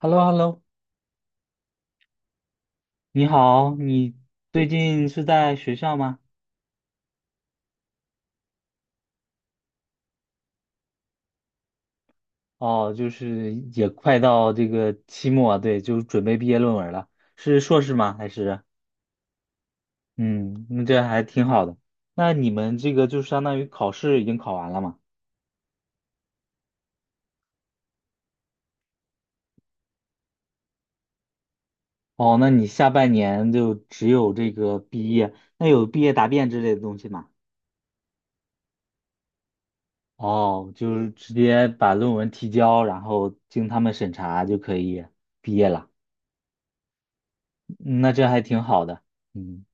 h e l l o h e l l o 你好，你最近是在学校吗？哦，就是也快到这个期末，对，就是准备毕业论文了，是硕士吗？还是嗯，那这还挺好的。那你们这个就相当于考试已经考完了嘛？哦，那你下半年就只有这个毕业，那有毕业答辩之类的东西吗？哦，就是直接把论文提交，然后经他们审查就可以毕业了，嗯那这还挺好的。嗯。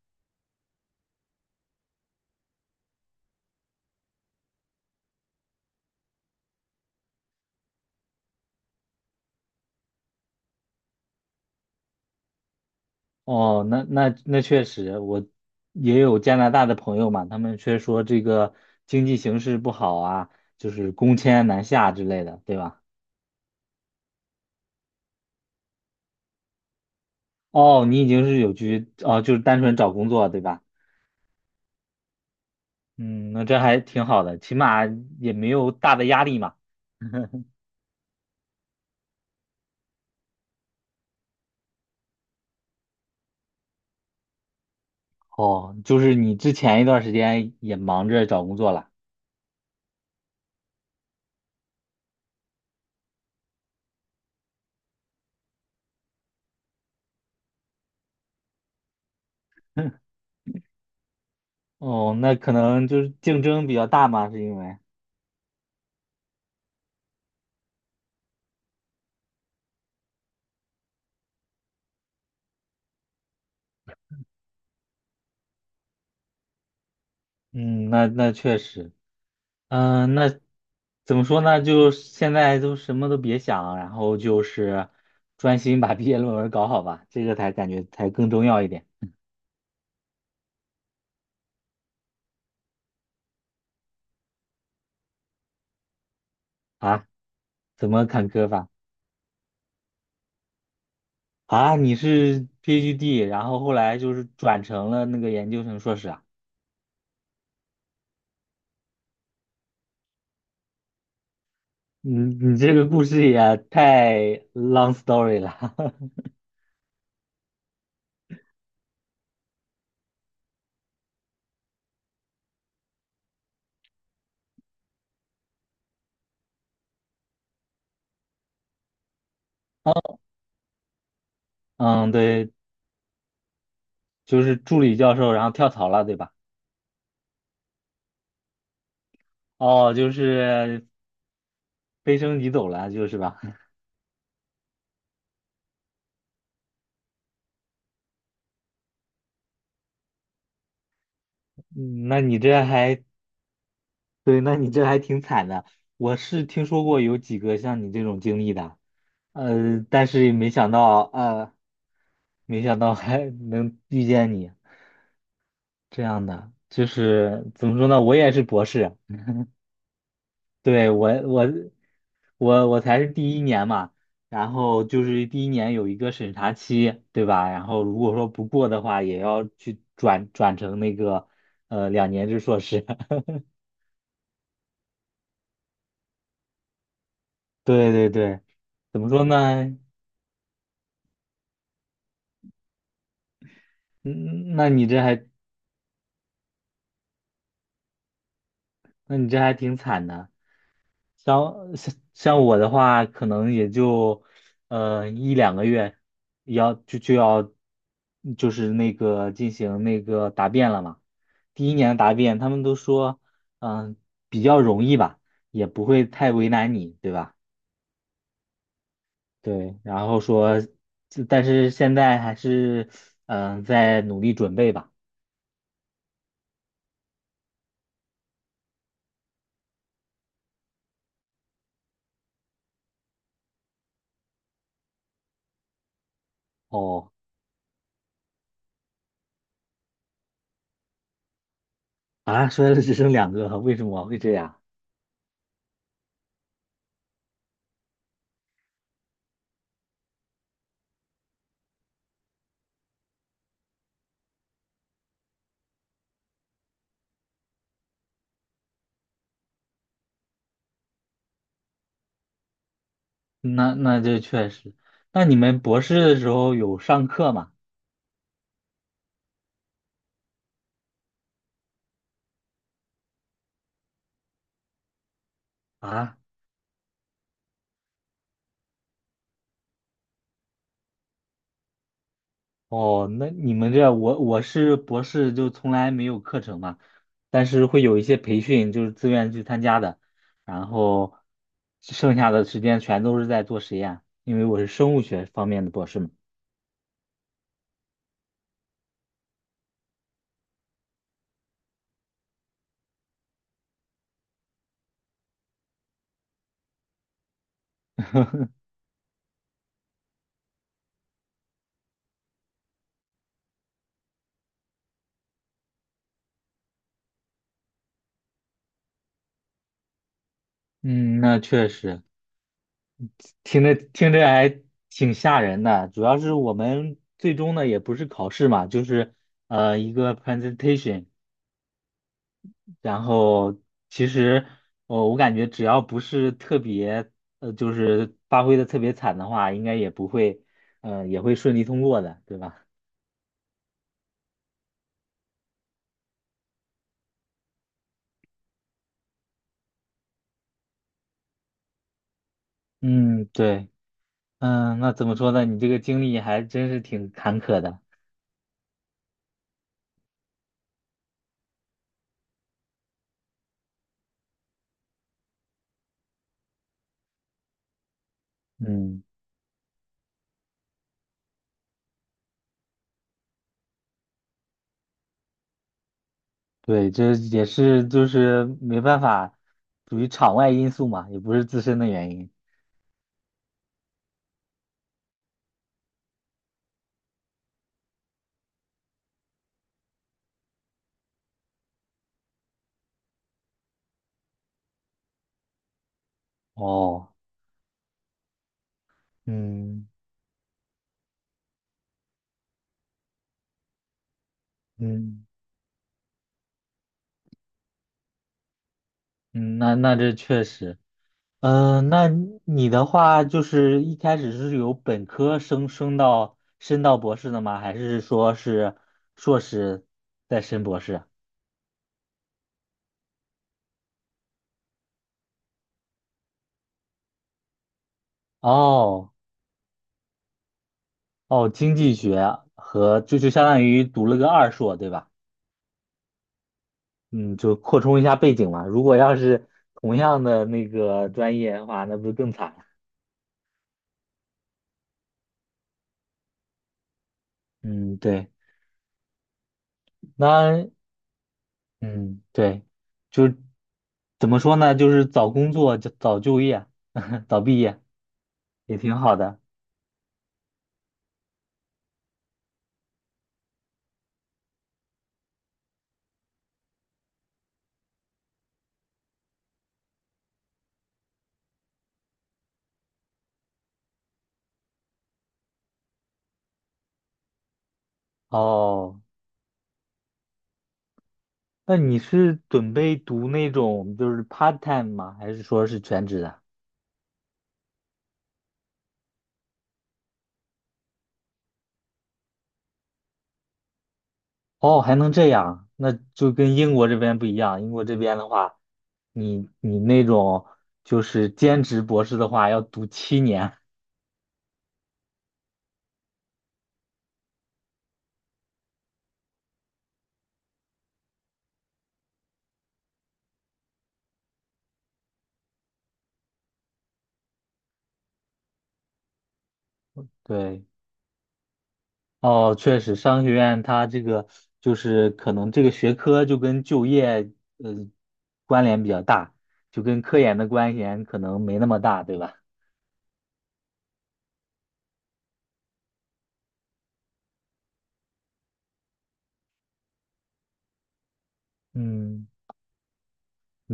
哦，那那那确实，我也有加拿大的朋友嘛，他们却说这个经济形势不好啊，就是工签难下之类的，对吧？哦，你已经是有居，哦，就是单纯找工作，对吧？嗯，那这还挺好的，起码也没有大的压力嘛。哦，就是你之前一段时间也忙着找工作了。哦，那可能就是竞争比较大嘛，是因为，嗯，那那确实。嗯，那怎么说呢？就现在都什么都别想，然后就是专心把 毕业论文搞好吧，这个才感觉才更重要一点啊。怎么坎坷法啊？你是 PhD，然后后来就是转成了那个研究生硕士啊？你你这个故事也太 long story 了。嗯，对，就是助理教授，然后跳槽了，对吧？哦，就是飞升你走了，就是吧？嗯那你这还对，那你这还挺惨的。我是听说过有几个像你这种经历的，但是也没想到，没想到还 能遇见你这样的。就是怎么说呢，我也是博士，对，我才是第一年嘛，然后就是第一年有一个审查期，对吧？然后如果说不过的话，也要去转成那个两年制硕士。对对对，怎么说呢？嗯，那你这还，那你这还挺惨的。像我的话，可能也就一两个月，要就要就是那个进行那个答辩了嘛。第一年的答辩，他们都说，嗯、比较容易吧，也不会太为难你，对吧？对，然后说，就但是现在还是在努力准备吧。哦，啊，说的只剩两个，为什么会这样？那那这确实，那你们博士的时候有上课吗？啊，哦，那你们这我是博士就从来没有课程嘛，但是会有一些培训，就是自愿去参加的，然后剩下的时间全都是在做实验，因为我是生物学方面的博士嘛。嗯，那确实听着听着还挺吓人的，主要是我们最终呢也不是考试嘛，就是一个 presentation。然后其实我感觉只要不是特别就是发挥的特别惨的话，应该也不会，也会顺利通过的，对吧？嗯，对，嗯，那怎么说呢？你这个经历还真是挺坎坷的。嗯，对，这也是就是没办法，属于场外因素嘛，也不是自身的原因。哦，嗯嗯嗯，那那这确实。嗯，那你的话就是一开始是由本科升到博士的吗？还是说是硕士再升博士？哦哦，经济学和就相当于读了个二硕，对吧？嗯，就扩充一下背景嘛。如果要是同样的那个专业的话，那不是更惨了？嗯，对，那嗯，对，就怎么说呢？就是早工作，就早就业，早毕业也挺好的。哦，那你是准备读那种就是 part time 吗？还是说是全职的？哦，还能这样，那就跟英国这边不一样。英国这边的话，你那种就是兼职博士的话，要读7年。对。哦，确实，商学院它这个就是可能这个学科就跟就业呃关联比较大，就跟科研的关联可能没那么大，对吧？嗯，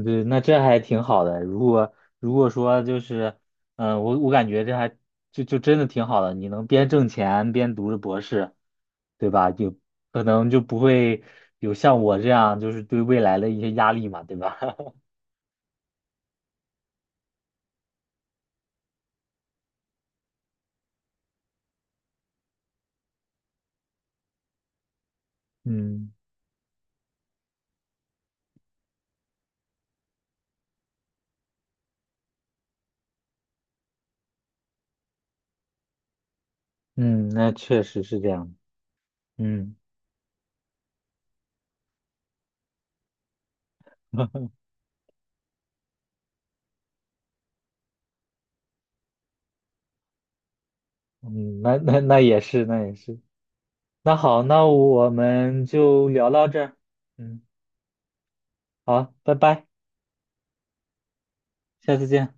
对，那这还挺好的。如果如果说就是，我我感觉这还就真的挺好的，你能边挣钱边读着博士，对吧？就可能就不会有像我这样就是对未来的一些压力嘛，对吧？嗯嗯，那确实是这样。嗯。嗯，那那那也是，那也是。那好，那我们就聊到这儿。嗯，好，拜拜，下次见。